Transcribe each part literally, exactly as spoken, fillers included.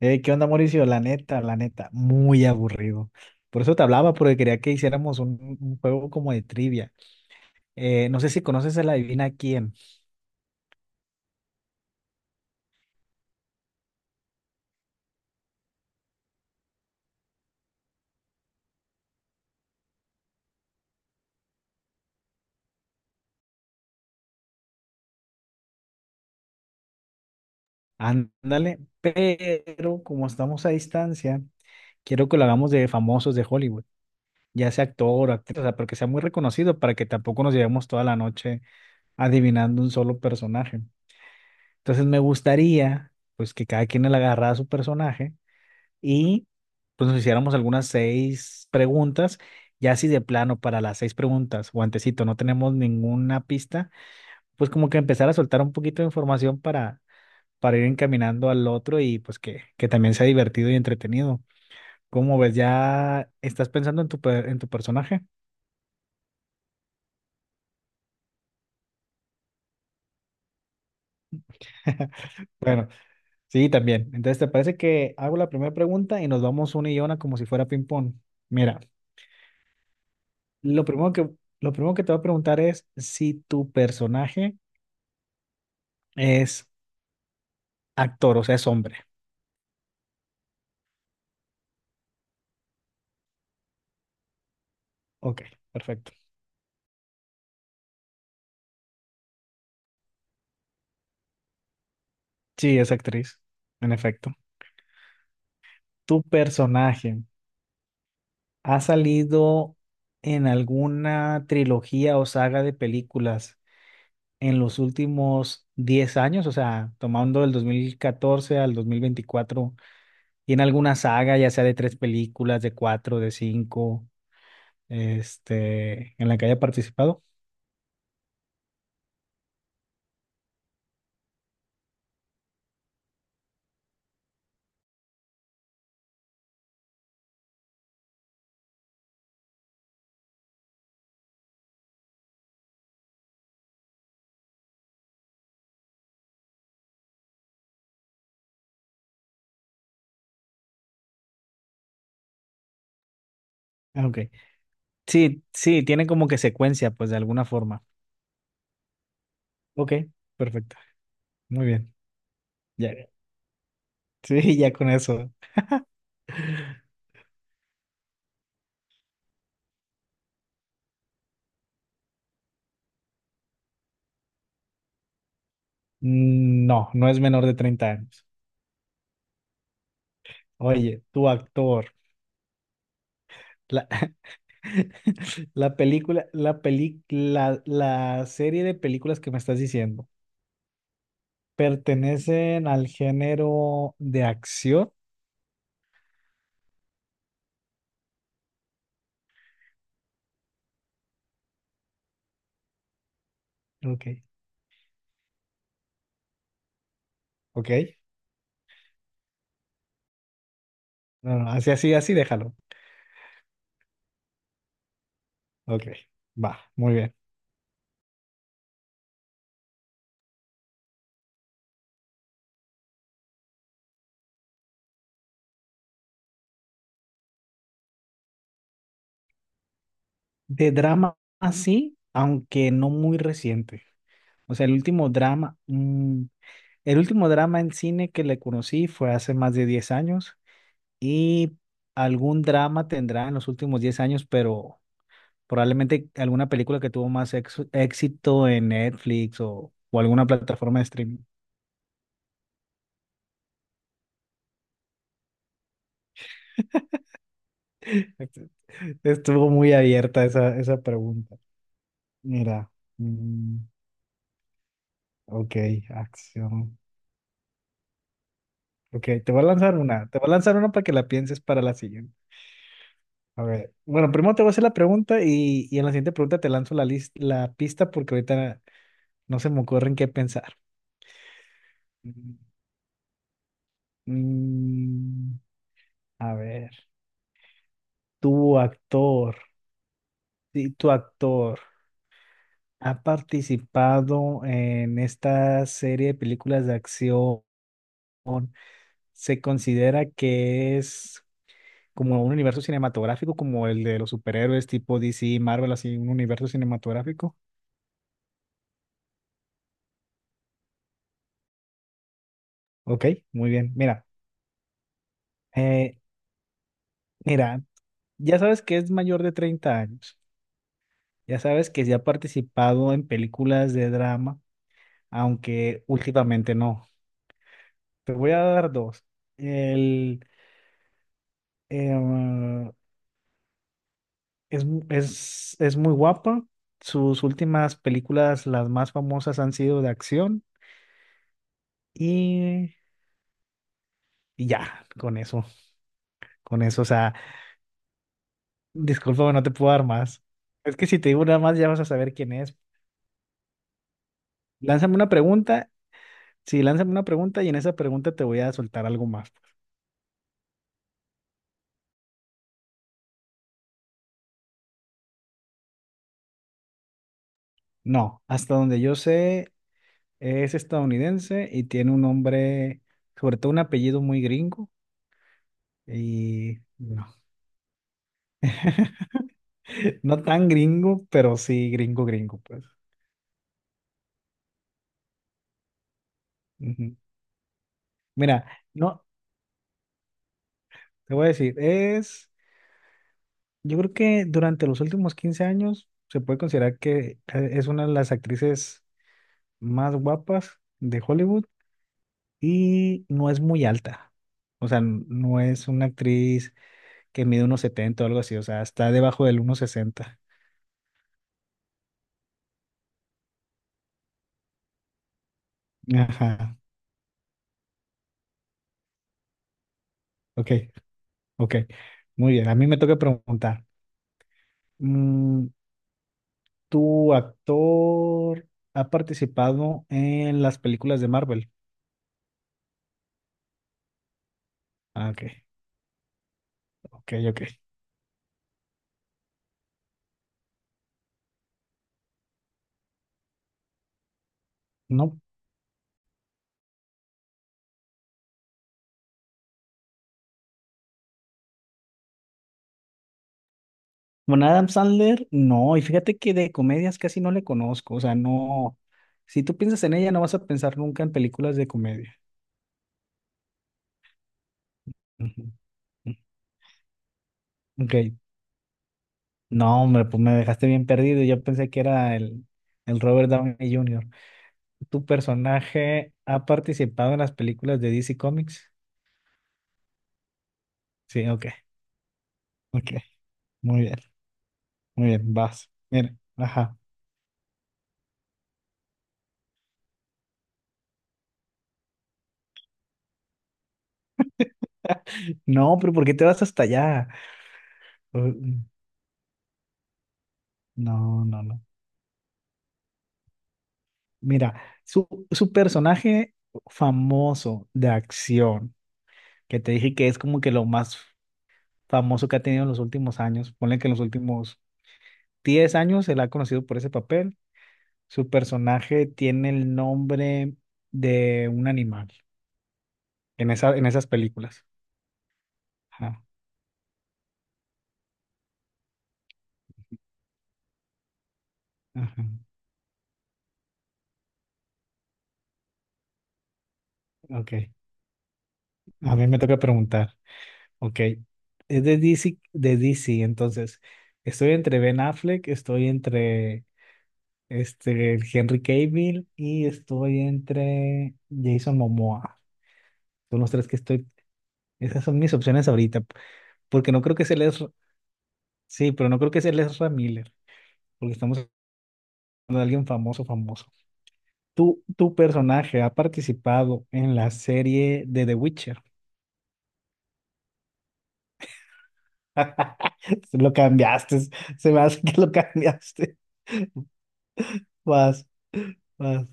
Eh, ¿qué onda, Mauricio? La neta, la neta, muy aburrido. Por eso te hablaba, porque quería que hiciéramos un, un juego como de trivia. Eh, no sé si conoces a la Adivina quién. Ándale, pero como estamos a distancia, quiero que lo hagamos de famosos de Hollywood, ya sea actor o actriz, o sea, pero que sea muy reconocido para que tampoco nos llevemos toda la noche adivinando un solo personaje. Entonces me gustaría, pues, que cada quien le agarrara su personaje y pues nos hiciéramos algunas seis preguntas. Ya si de plano para las seis preguntas, guantecito, no tenemos ninguna pista, pues como que empezar a soltar un poquito de información para, para ir encaminando al otro y pues que, que también sea divertido y entretenido. ¿Cómo ves? ¿Ya estás pensando en tu, per- en tu personaje? Bueno, sí, también. Entonces, ¿te parece que hago la primera pregunta y nos vamos una y una como si fuera ping-pong? Mira, lo primero que, lo primero que te voy a preguntar es si tu personaje es actor, o sea, es hombre. Ok, perfecto. Sí, es actriz, en efecto. ¿Tu personaje ha salido en alguna trilogía o saga de películas en los últimos diez años? O sea, tomando del dos mil catorce al dos mil veinticuatro, ¿tiene alguna saga, ya sea de tres películas, de cuatro, de cinco, este, en la que haya participado? Ah, ok. Sí, sí, tiene como que secuencia, pues de alguna forma. Ok, perfecto. Muy bien. Ya. Sí, ya con eso. Mm, No, no es menor de treinta años. Oye, tu actor. La, la película, la peli, la, la serie de películas que me estás diciendo, ¿pertenecen al género de acción? Ok, ok. No, no, así, así, así, déjalo. Ok, va, muy bien. De drama, así, aunque no muy reciente. O sea, el último drama, mm, el último drama en cine que le conocí fue hace más de diez años y algún drama tendrá en los últimos diez años, pero probablemente alguna película que tuvo más ex- éxito en Netflix o, o alguna plataforma de streaming. Estuvo muy abierta esa, esa pregunta. Mira, mm, ok, acción. Ok, te voy a lanzar una, te voy a lanzar una para que la pienses para la siguiente. A ver, bueno, primero te voy a hacer la pregunta y, y en la siguiente pregunta te lanzo la, lis- la pista porque ahorita no se me ocurre en qué pensar. Mm, a ver, tu actor, sí, tu actor ha participado en esta serie de películas de acción. ¿Se considera que es como un universo cinematográfico, como el de los superhéroes tipo D C, Marvel, así, un universo cinematográfico? Ok, muy bien. Mira, eh, mira, ya sabes que es mayor de treinta años. Ya sabes que se ha participado en películas de drama aunque últimamente no. Te voy a dar dos. El, em, es, es, es muy guapa. Sus últimas películas, las más famosas, han sido de acción. Y, y ya, con eso, con eso. O sea, discúlpame, no te puedo dar más. Es que si te digo nada más, ya vas a saber quién es. Lánzame una pregunta. Sí, lánzame una pregunta y en esa pregunta te voy a soltar algo más. No, hasta donde yo sé, es estadounidense y tiene un nombre, sobre todo un apellido muy gringo y no, no tan gringo, pero sí gringo, gringo, pues. Ujú. Mira, no, te voy a decir, es, yo creo que durante los últimos quince años se puede considerar que eh, es una de las actrices más guapas de Hollywood y no es muy alta. O sea, n- no es una actriz que mide unos setenta o algo así, o sea, está debajo del uno sesenta. Ajá. Ok, ok. Muy bien, a mí me toca preguntar. Mm, ¿Tu actor ha participado en las películas de Marvel? Ah, ok, ok, ok. No. Bueno, Adam Sandler, no. Y fíjate que de comedias casi no le conozco. O sea, no. Si tú piensas en ella, no vas a pensar nunca en películas de comedia. Ujú. Ok. No, hombre, pues me dejaste bien perdido. Yo pensé que era el, el Robert Downey junior ¿Tu personaje ha participado en las películas de D C Comics? Sí, ok, ok. Muy bien, muy bien, vas. Mira, ajá. No, pero ¿por qué te vas hasta allá? Uh, No, no, no. Mira, su, su personaje famoso de acción, que te dije que es como que lo más famoso que ha tenido en los últimos años, ponle que en los últimos diez años se le ha conocido por ese papel. Su personaje tiene el nombre de un animal en esa, en esas películas. Ajá, ajá, ok. A mí me toca preguntar. Ok, es de D C, de D C, entonces estoy entre Ben Affleck, estoy entre este Henry Cavill y estoy entre Jason Momoa. Son los tres que estoy, esas son mis opciones ahorita, porque no creo que sea les, sí, pero no creo que sea les Miller, porque estamos hablando de alguien famoso, famoso. ¿Tu, tu personaje ha participado en la serie de The Witcher? Lo cambiaste, se me hace que lo cambiaste. Vas, vas.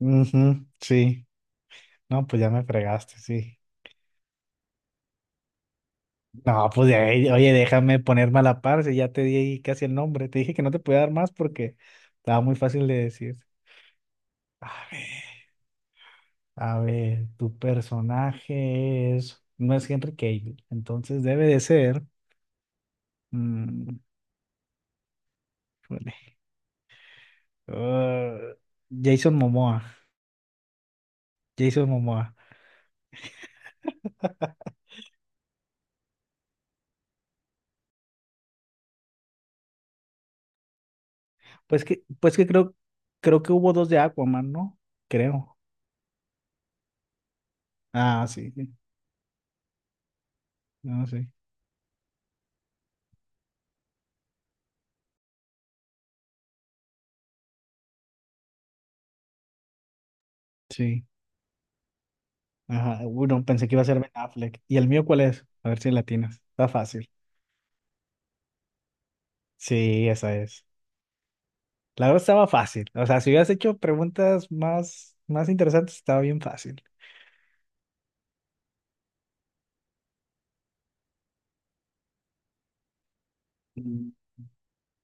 Ujú, sí, no, pues ya me fregaste, sí. No, pues ya, eh, oye, déjame ponerme a la par, si ya te di ahí casi el nombre. Te dije que no te podía dar más porque estaba muy fácil de decir. A ver, a ver, tu personaje es, no es Henry Cavill, entonces debe de ser, mm, híjole, ah, Jason Momoa, Jason Momoa. Pues que, pues que creo, creo que hubo dos de Aquaman, ¿no? Creo. Ah, sí, sí, no, sí, sí. Ajá, uy, no, pensé que iba a ser Ben Affleck. ¿Y el mío cuál es? A ver si la atinas. Está fácil. Sí, esa es. La verdad estaba fácil. O sea, si hubieras hecho preguntas más, más interesantes, estaba bien fácil. Mm.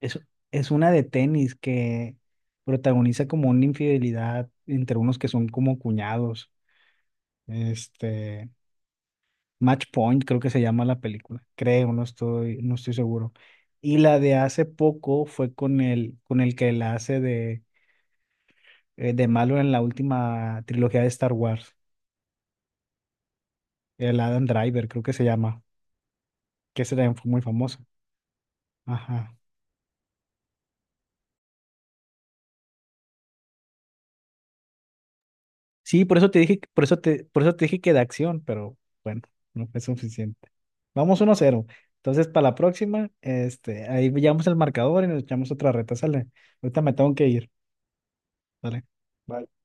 Es, es una de tenis que protagoniza como una infidelidad entre unos que son como cuñados. Este, Match Point, creo que se llama la película. Creo, no estoy, no estoy seguro. Y la de hace poco fue con el, con el que la hace de eh, de malo en la última trilogía de Star Wars, el Adam Driver, creo que se llama, que ese también fue muy famoso. Ajá. Sí, por eso te dije, por eso te, por eso te dije que de acción, pero bueno, no fue suficiente. Vamos uno cero. Entonces, para la próxima, este, ahí veíamos el marcador y nos echamos otra reta, sale. Ahorita me tengo que ir, ¿vale? Bye.